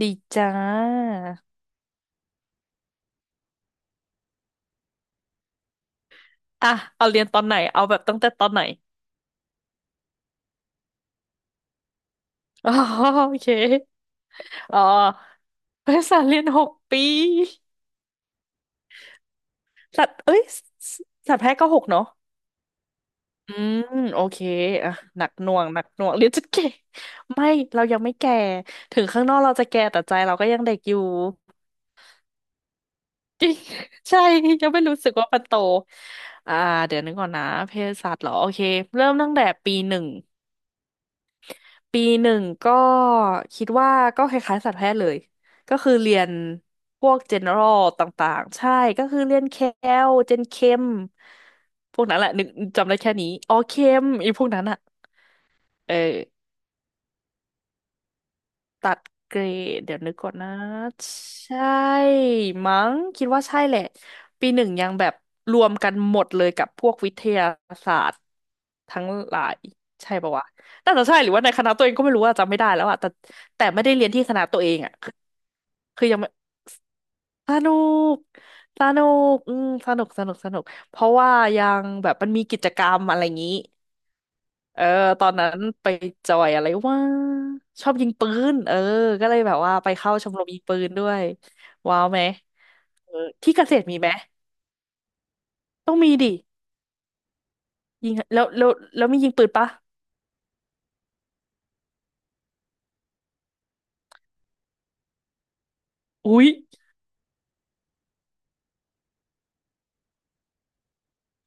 ดีจ้าอ่ะเอาเรียนตอนไหนเอาแบบตั้งแต่ตอนไหนอ๋อโอเคอ๋อภาษาเรียนหกปีสัตว์เอ้ยสสสัตว์แพทย์ก็หกเนาะอืมโอเคอ่ะหนักหน่วงหนักหน่วงเรียนจนแก่ไม่เรายังไม่แก่ถึงข้างนอกเราจะแก่แต่ใจเราก็ยังเด็กอยู่ใช่ยังไม่รู้สึกว่ามันโตอ่าเดี๋ยวนึกก่อนนะเภสัชเหรอโอเคเริ่มตั้งแต่ปีหนึ่ง ปีหนึ่งก็คิดว่าก็คล้ายๆสัตวแพทย์เลยก็คือเรียนพวก general ต่างๆใช่ก็คือเรียนแคลเจนเคมพวกนั้นแหละนึกจำได้แค่นี้อ๋อเคมอีพวกนั้นอะเออ ตัดเกรดเดี๋ยวนึกก่อนนะใช่มั้งคิดว่าใช่แหละปีหนึ่งยังแบบรวมกันหมดเลยกับพวกวิทยาศาสตร์ทั้งหลายใช่ปะวะน่าจะใช่หรือว่าในคณะตัวเองก็ไม่รู้อะจำไม่ได้แล้วอะแต่แต่ไม่ได้เรียนที่คณะตัวเองอะคือคือยังไม่สนุกสนุกอืมสนุกสนุกสนุกเพราะว่ายังแบบมันมีกิจกรรมอะไรอย่างนี้ เออตอนนั้นไปจอยอะไรว่าชอบยิงปืนเออก็เลยแบบว่าไปเข้าชมรมยิงปืนด้วยว้าวไหมเออที่เกษตรมีไหมต้องมีดิยิงแล้วแล้วแล้วมียิงปืนปะอุ๊ย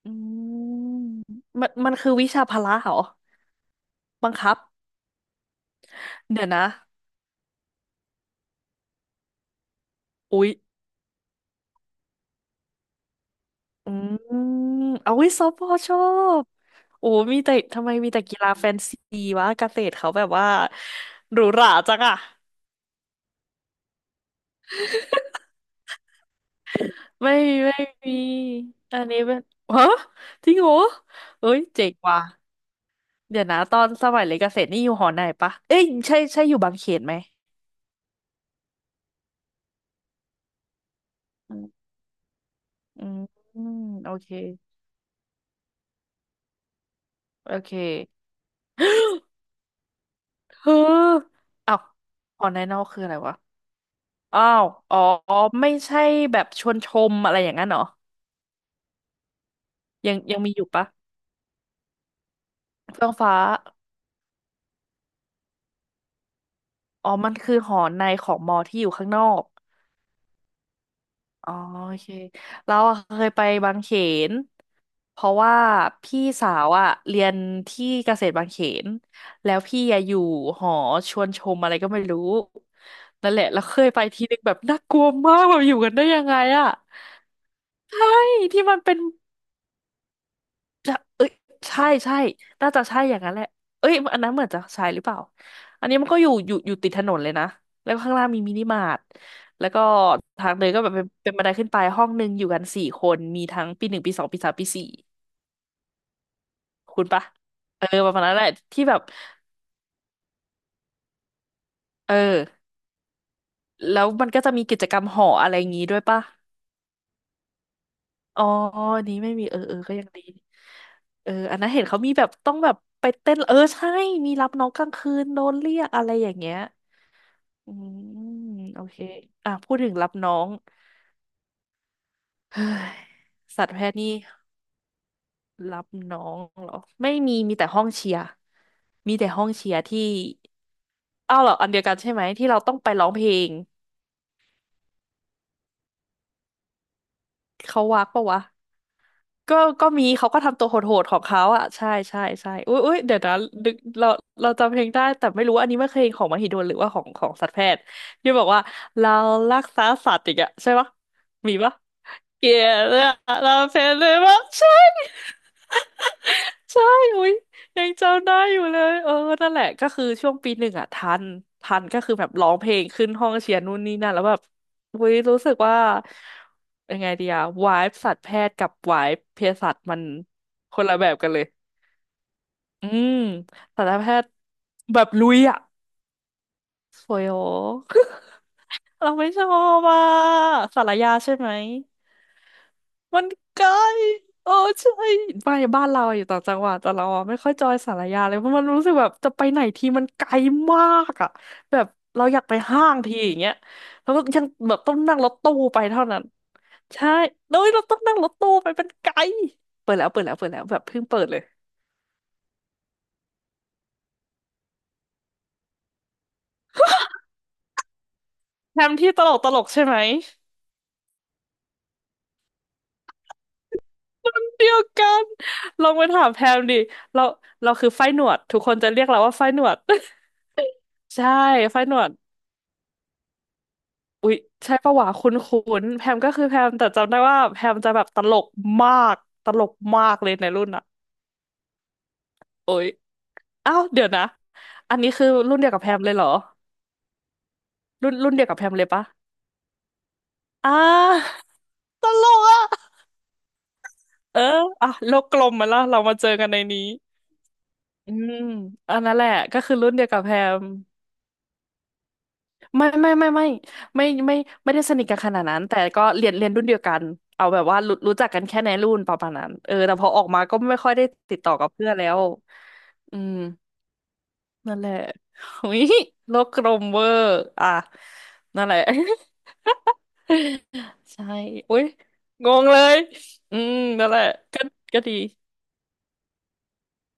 อืมมันคือวิชาพละเหรอบังคับเดี๋ยวนะอุ๊ยอืมเอาวิซอฟพอชอบโอ้มีแต่ทำไมมีแต่กีฬาแฟนซีวะเกษตรเขาแบบว่าหรูหราจังอะ ไม่มีไม่มีอันนี้เป็นฮะจริงเหรอเอ้ยเจ๋งว่ะเดี๋ยวนะตอนสมัยเรียนเกษตรนี่อยู่หอไหนปะเอ้ยใช่ใช่อยู่บางเขนไหมอืมอืมอืมโอเคโอเคเฮ้ออ้าวหอในนอกคืออะไรวะอ้าวอ๋อไม่ใช่แบบชวนชมอะไรอย่างนั้นเหรอยังยังมีอยู่ปะเฟื่องฟ้าอ๋อมันคือหอในของมอที่อยู่ข้างนอก อ๋อโอเคเราอะเคยไปบางเขนเพราะว่าพี่สาวอะเรียนที่เกษตรบางเขนแล้วพี่อะอยู่หอชวนชมอะไรก็ไม่รู้นั่นแหละแล้วเคยไปทีนึงแบบน่ากลัวมากแบบอยู่กันได้ยังไงอะใช่ที่มันเป็น จะเอ้ยใช่ใช่น่าจะใช่อย่างนั้นแหละเอ้ยอันนั้นเหมือนจะใช่หรือเปล่าอันนี้มันก็อยู่ติดถนนเลยนะแล้วข้างล่างมีมินิมาร์ทแล้วก็ทางเดินก็แบบเป็นบันไดขึ้นไปห้องหนึ่งอยู่กันสี่คนมีทั้งปีหนึ่งปีสองปีสามปีสี่คุณปะเออประมาณนั้นแหละที่แบบเออแล้วมันก็จะมีกิจกรรมหออะไรอย่างงี้ด้วยปะอ๋ออันนี้ไม่มีเออเออก็ยังดีเอออันนั้นเห็นเขามีแบบต้องแบบไปเต้นเออใช่มีรับน้องกลางคืนโดนเรียกอะไรอย่างเงี้ย อืมโอเคอ่ะพูดถึงรับน้อง เฮ้ยสัตวแพทย์นี่รับน้องเหรอไม่มีมีแต่ห้องเชียร์มีแต่ห้องเชียร์ที่อ้าวเหรออันเดียวกันใช่ไหมที่เราต้องไปร้องเพลงเขาวักปะวะก็ก็มีเขาก็ทำตัวโหดๆของเขาอ่ะใช่ใช่ใช่อุ้ยอุ้ยเดี๋ยวนะดึกเราเราจำเพลงได้แต่ไม่รู้ว่าอันนี้ไม่เคยของมหิดลหรือว่าของของสัตวแพทย์ที่บอกว่าเรารักษาสัตว์อีกอะใช่ปะมีปะ เกลียดเลยอะเราเพ็นเลยว่าใช่ ใช่อุ้ยยังจำได้อยู่เลยเออนั่นแหละก็คือช่วงปีหนึ่งอ่ะทันทันก็คือแบบร้องเพลงขึ้นห้องเชียร์นู่นนี่นั่นแล้วแบบอุ้ยรู้สึกว่ายังไงดีอะวายสัตวแพทย์กับวายเภสัชมันคนละแบบกันเลยอืมสัตวแพทย์แบบลุยอ่ะสวยโห เราไม่ชอบอ่ะสารยาใช่ไหม มันไกลเออใช่ไปบ้านเราอยู่ต่างจังหวัดแต่เราอะไม่ค่อยจอยสารยาเลยเพราะมันรู้สึกแบบจะไปไหนทีมันไกลมากอ่ะแบบเราอยากไปห้างทีอย่างเงี้ยแล้วก็ยังแบบต้องนั่งรถตู้ไปเท่านั้นใช่แล้วเราต้องนั่งรถตู้ไปเป็นไกลเปิดแล้วแบบเพิ่งเปิดเลยแพมที่ตลกตลกใช่ไหมเดียวกันลองไปถามแพมดิเราคือไฟหนวดทุกคนจะเรียกเราว่าไฟหนวด ใช่ไฟหนวด อุ๊ยใช่ปะวะคุ้นๆแพมก็คือแพมแต่จำได้ว่าแพมจะแบบตลกมากตลกมากเลยในรุ่นอ่ะโอ๊ยอ้าวเดี๋ยวนะอันนี้คือรุ่นเดียวกับแพมเลยเหรอรุ่นเดียวกับแพมเลยปะอ่าตลกอ่ะเอออ่ะโลกกลมมาแล้วเรามาเจอกันในนี้อืมอันนั้นแหละก็คือรุ่นเดียวกับแพม ไม่ไม่ไม่ไม่ไม่ไม่ไม่ไม่ได้สนิทกันขนาดนั้นแต่ก็เรียนรุ่นเดียวกันเอาแบบว่ารู้จักกันแค่ในรุ่นประมาณนั้นเออแต่พอออกมาก็ไม่ค่อยได้ติดต่อกับเพื่อนแล้วอืมนั่นแหละ หุยโลกกลมเวอร์อ่ะนั่นแหละ ใช่อุ้ยงงเลยอืมนั่นแหละก็ก็ดี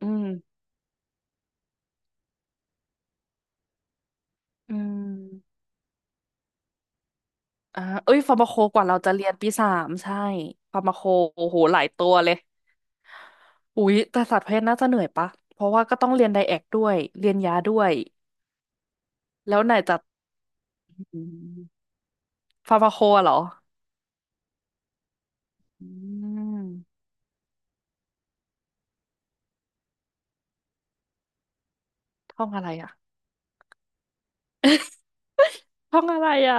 อืมอืมอ่าเอ้ยฟาร์มาโคกว่าเราจะเรียนปีสามใช่ฟาร์มาโคโอ้โหหลายตัวเลย อุ๊ยแต่สัตว์แพทย์น่าจะเหนื่อยปะเพราะว่าก็ต้องเรียนไดแอกด้วยเรียนยาด้วยแล้วไหนจะอืมฟาร์มาโคอะเหรออืมท่องอะไรอ่ะท่องอะไรอ่ะ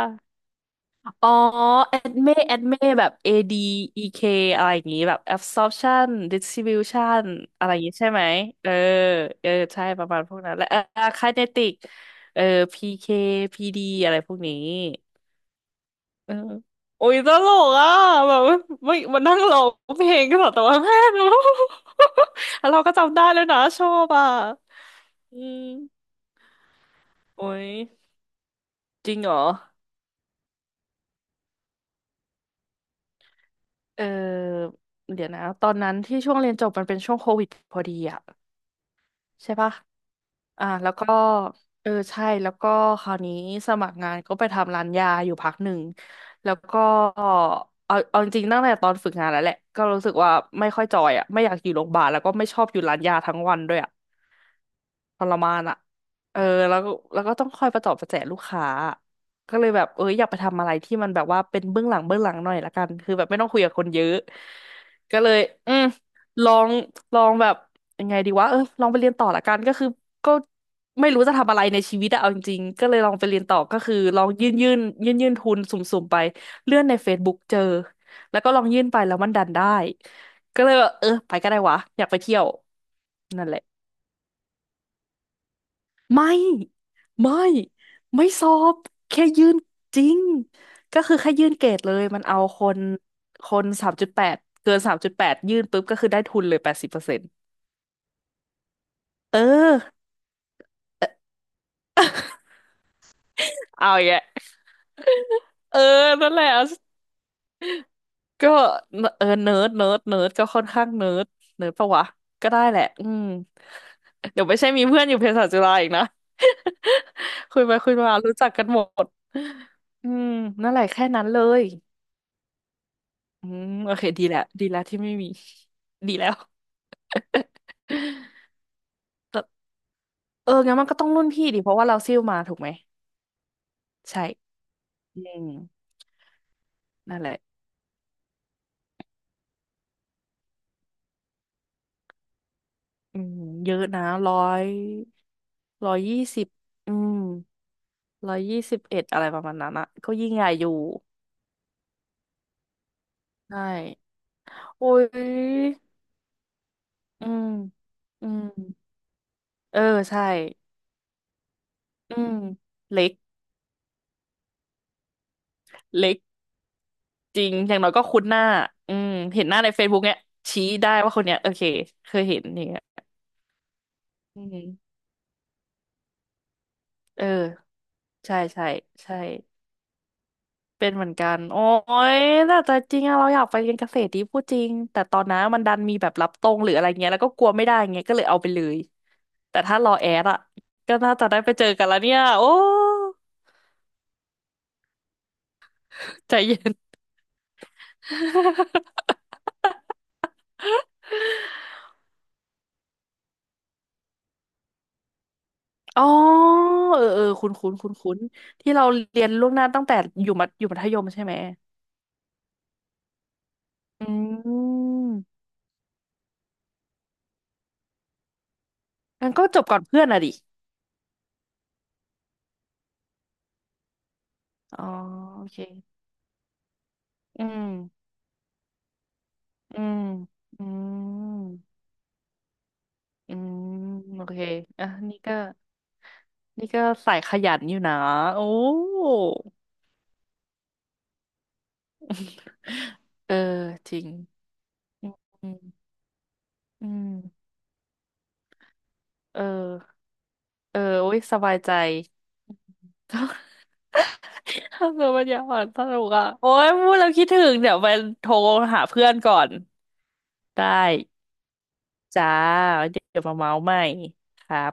อ๋อ adme adme แอดเมแอดอีเมแบบ ADEK อะไรอย่างงี้แบบ absorption distribution อะไรอย่างงี้ใช่ไหมเออเออใช่ประมาณพวกนั้นและเออ kinetic เออ PKPD อะไรพวกนี้ เออโอ้ยตลกอ่ะแบบว่าไม่มันนั่งร้องเพลงก็แบบแต่ว่าแม่เนอ แล้วเราก็จำได้เลยนะชอบอ่ะอืมโอ้ยจริงเหรอเออเดี๋ยวนะตอนนั้นที่ช่วงเรียนจบมันเป็นช่วงโควิดพอดีอ่ะ ใช่ปะอ่าแล้วก็เออใช่แล้วก็คราวนี้สมัครงานก็ไปทำร้านยาอยู่พักหนึ่งแล้วก็เอาจริงๆตั้งแต่ตอนฝึกงานแล้วแหละก็รู้สึกว่าไม่ค่อยจอยอ่ะไม่อยากอยู่โรงพยาบาลแล้วก็ไม่ชอบอยู่ร้านยาทั้งวันด้วยอ่ะ ทรมานอ่ะเออแล้วก็แล้วก็ต้องคอยประตอบประแจลูกค้าอะก็เลยแบบเอออยากไปทำอะไรที่มันแบบว่าเป็นเบื้องหลังเบื้องหลังหน่อยละกันคือแบบไม่ต้องคุยกับคนเยอะก็เลยอืมลองแบบยังไงดีวะเออลองไปเรียนต่อละกัน ก็คือก็ไม่รู้จะทำอะไรในชีวิตอะเอาจริงๆก็เลยลองไปเรียนต่อก็คือลองยื่นทุนสุ่มๆไป เลื่อนใน Facebook เจอ แล้วก็ลองยื่นไป แล้วมันดันได้ก็เลยแบบเออไปก็ได้วะอยากไปเที่ยวนั่นแหละ ไม่ไม่ไม่สอบแค่ยื่นจริงก็คือแค่ยื่นเกรดเลยมันเอาคนสามจุดแปดเกินสามจุดแปดยื่นปุ๊บก็คือได้ทุนเลย80%เออเอาอย่างเงี้ยเออนั่นแหละก็เออเนิร์ดเนิร์ดเนิร์ดก็ค่อนข้างเนิร์ดเนิร์ดปะวะก็ได้แหละอืมเดี๋ยวไม่ใช่มีเพื่อนอยู่เภสัชจุฬาอีกนะ คุยไปคุยมารู้จักกันหมดอืมนั่นแหละแค่นั้นเลย อืมโอเคดีแล้วดีแล้วที่ไม่มี ดีแล้ว แต่เอองั้นมันก็ต้องรุ่นพี่ดิเพราะว่าเราซิ่วมาถูกไหมใช่อืมนั่นแหละอืมเยอะนะยร้อยยี่สิบอืม121อะไรประมาณนั้นอะก็ยิ่งใหญ่อยู่ใช่โอ้ยอืมอืมเออใช่อืมเล็กเล็กจริงอย่างน้อยก็คุ้นหน้าอืมเห็นหน้าใน Facebook เนี้ยชี้ได้ว่าคนเนี้ยโอเคเคยเห็นอย่างเงี้ยอืม เออใช่ใช่ใช่เป็นเหมือนกันโอ้ยน่าจะจริงอะเราอยากไปเรียนเกษตรดีพูดจริงแต่ตอนนั้นมันดันมีแบบรับตรงหรืออะไรเงี้ยแล้วก็กลัวไม่ได้เงี้ยก็เลยเอาไปเลยแต่ถ้ารอแอดอะก็น่าจะได้ไปเจอกันแล้วเนี่ยโอ้ใจเย็นอ๋อเออเออคุ้นคุ้นคุ้นคุ้นๆที่เราเรียนล่วงหน้าตั้งแต่อยู่มัธยมใช่ไหมอืมงั้นก็จบก่อนเพื่อนอะดิอ๋อโอเคอืม อืม อืม อืม โอเค อ่ะ นี่ก็ นี่ก็สายขยันอยู่นะ โอ้เออ จริง อืม อืมอืมเออ เออโอ้ยสบายใจ ถ้าเกิดมันอยากอ่านสนุกอ่ะโอ้ยพูดแล้วคิดถึงเดี๋ยวไปโทรหาเพื่อนก่อน ได้จ้า เดี๋ยวมาเมาส์ใหม่ครับ